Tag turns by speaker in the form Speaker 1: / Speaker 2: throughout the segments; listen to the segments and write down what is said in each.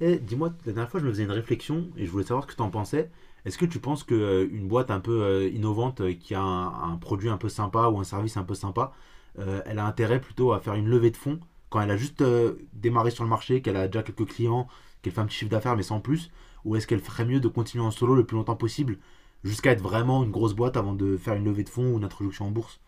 Speaker 1: Eh, dis-moi, la dernière fois, je me faisais une réflexion et je voulais savoir ce que tu en pensais. Est-ce que tu penses que une boîte un peu innovante qui a un produit un peu sympa ou un service un peu sympa, elle a intérêt plutôt à faire une levée de fonds quand elle a juste démarré sur le marché, qu'elle a déjà quelques clients, qu'elle fait un petit chiffre d'affaires mais sans plus, ou est-ce qu'elle ferait mieux de continuer en solo le plus longtemps possible jusqu'à être vraiment une grosse boîte avant de faire une levée de fonds ou une introduction en bourse?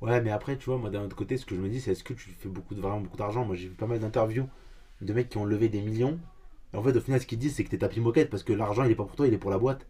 Speaker 1: Ouais, mais après, tu vois, moi d'un autre côté, ce que je me dis, c'est est-ce que tu fais beaucoup de, vraiment beaucoup d'argent. J'ai vu pas mal d'interviews de mecs qui ont levé des millions. Et en fait, au final, ce qu'ils disent, c'est que t'es tapis moquette parce que l'argent, il est pas pour toi, il est pour la boîte.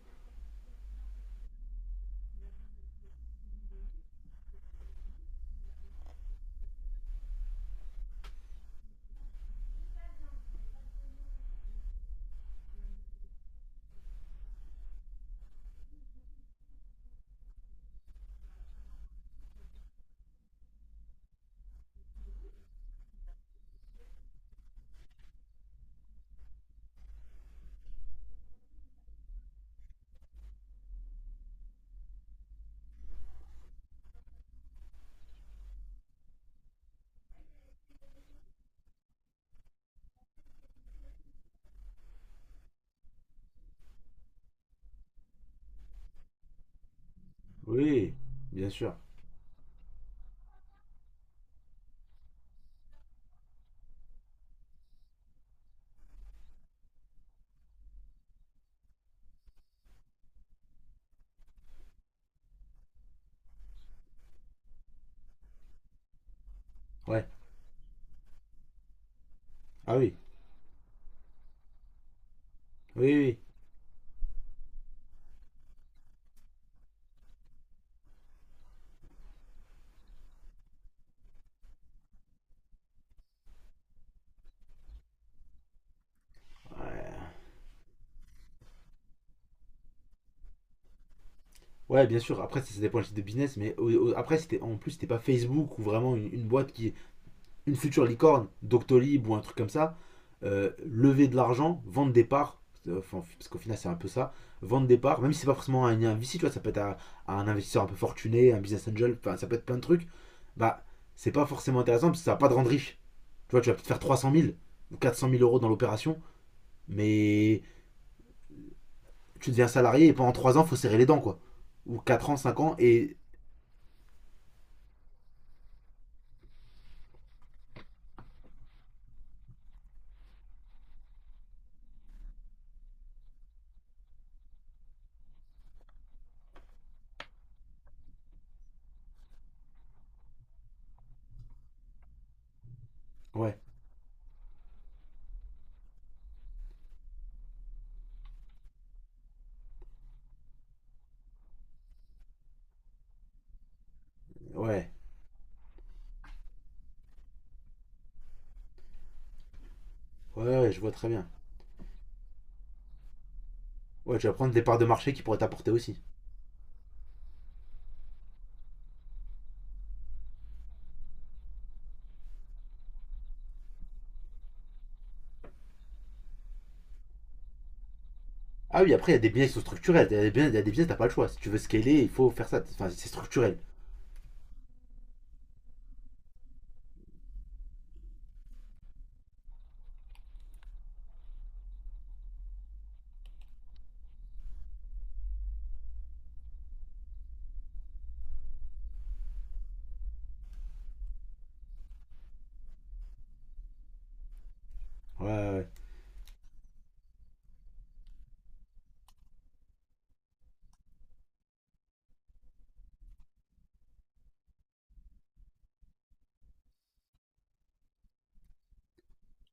Speaker 1: Oui, bien sûr. Ouais. Ah oui. Oui, oui. Ouais, ouais, bien sûr. Après, ça dépend du type de business. Mais après, c'était en plus, c'était pas Facebook ou vraiment une boîte qui, une future licorne, Doctolib ou un truc comme ça, lever de l'argent, vendre des parts, enfin, parce qu'au final c'est un peu ça, vendre des parts, même si c'est pas forcément un VC, tu vois, ça peut être à un investisseur un peu fortuné, un business angel, enfin, ça peut être plein de trucs, bah c'est pas forcément intéressant parce que ça va pas te rendre riche. Tu vois, tu vas peut-être faire 300 000 ou 400 000 euros dans l'opération, mais tu deviens salarié et pendant 3 ans, faut serrer les dents, quoi. Ou 4 ans, 5 ans, et ouais, ouais, ouais, ouais, je vois très bien. Ouais, tu vas prendre des parts de marché qui pourraient t'apporter aussi. Ah oui, après, il y a des biais qui sont structurels. Il y a des biais, il y a des biais, t'as pas le choix. Si tu veux scaler, il faut faire ça. Enfin, c'est structurel. Ouais,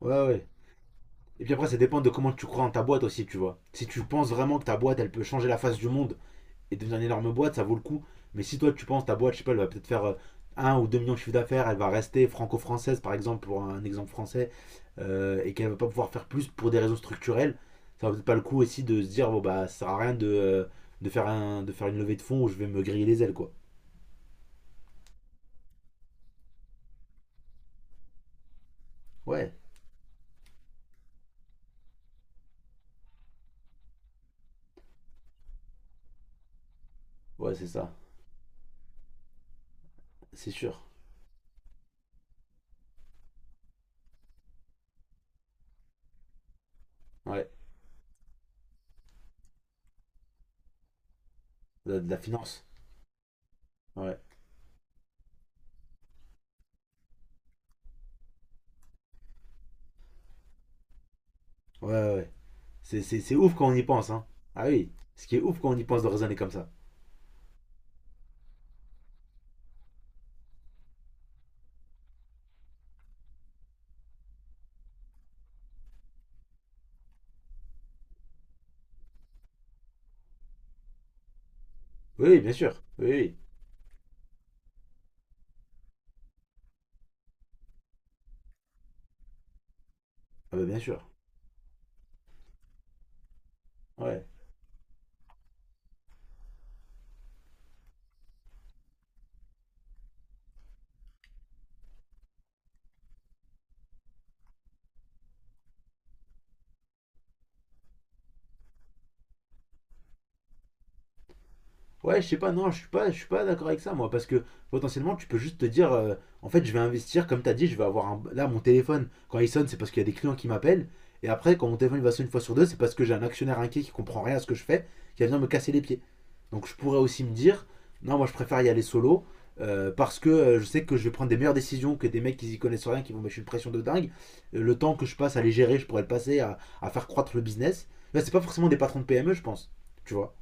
Speaker 1: ouais, ouais. Ouais. Et puis après, ça dépend de comment tu crois en ta boîte aussi, tu vois. Si tu penses vraiment que ta boîte, elle peut changer la face du monde et devenir une énorme boîte, ça vaut le coup. Mais si toi, tu penses ta boîte, je sais pas, elle va peut-être faire 1 ou 2 millions de chiffre d'affaires, elle va rester franco-française, par exemple, pour un exemple français, et qu'elle va pas pouvoir faire plus pour des raisons structurelles, ça va peut-être pas le coup aussi de se dire, bon, bah, ça sert à rien de faire une levée de fonds où je vais me griller les ailes, quoi. Ouais, ouais, c'est ça. C'est sûr. Ouais, de la finance. Ouais, ouais, ouais. Ouais. C'est ouf quand on y pense, hein. Ah oui, ce qui est ouf quand on y pense de raisonner comme ça. Oui, oui, bien sûr. Oui, oui. Ah bah bien sûr. Ouais. Ouais, je sais pas, non, je suis pas d'accord avec ça, moi, parce que potentiellement, tu peux juste te dire, en fait, je vais investir, comme t'as dit, je vais avoir un. Là, mon téléphone, quand il sonne, c'est parce qu'il y a des clients qui m'appellent, et après, quand mon téléphone il va sonner une fois sur deux, c'est parce que j'ai un actionnaire inquiet qui comprend rien à ce que je fais, qui va venir me casser les pieds. Donc, je pourrais aussi me dire, non, moi, je préfère y aller solo, parce que je sais que je vais prendre des meilleures décisions que des mecs qui y connaissent rien, qui vont me mettre une pression de dingue. Le temps que je passe à les gérer, je pourrais le passer à faire croître le business. Là, c'est pas forcément des patrons de PME, je pense, tu vois.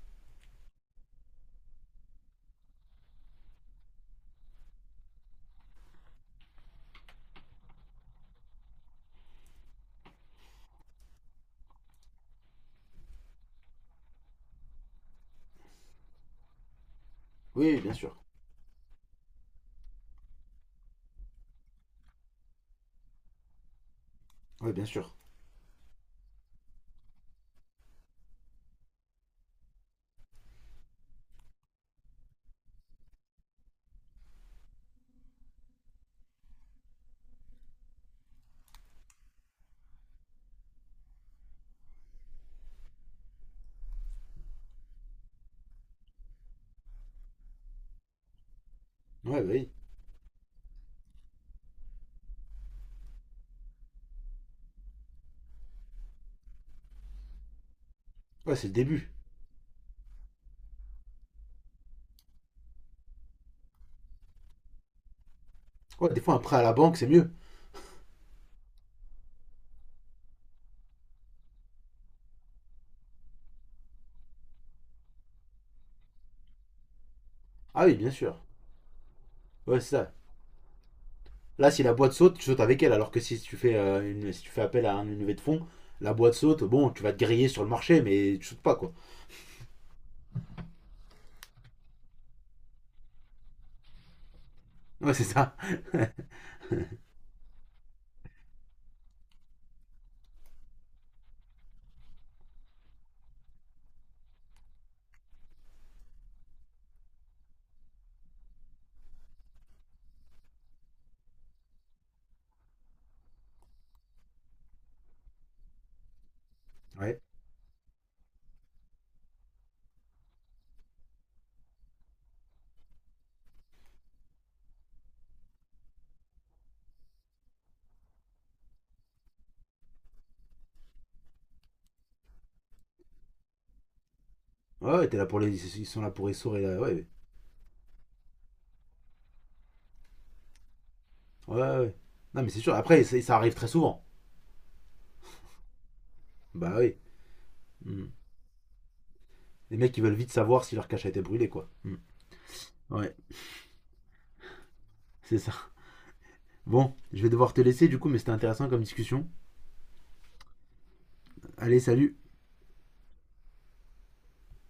Speaker 1: Oui, bien sûr. Oui, bien sûr. Ouais, bah oui. Ouais, c'est le début. Ouais, des fois, un prêt à la banque, c'est mieux. Ah oui, bien sûr. Ouais, c'est ça. Là, si la boîte saute, tu sautes avec elle. Alors que si tu fais, si tu fais appel à une levée de fonds, la boîte saute, bon, tu vas te griller sur le marché, mais tu sautes pas, quoi. Ouais, c'est ça. Ouais. Ouais, ouais, t'es là pour les. Ils sont là pour essorer. Là. Ouais, ouais. Ouais, ouais. Non, mais c'est sûr. Après, ça arrive très souvent. Bah oui. Hmm. Les mecs, ils veulent vite savoir si leur cache a été brûlée, quoi. Hmm. Ouais, c'est ça. Bon, je vais devoir te laisser, du coup, mais c'était intéressant comme discussion. Allez, salut.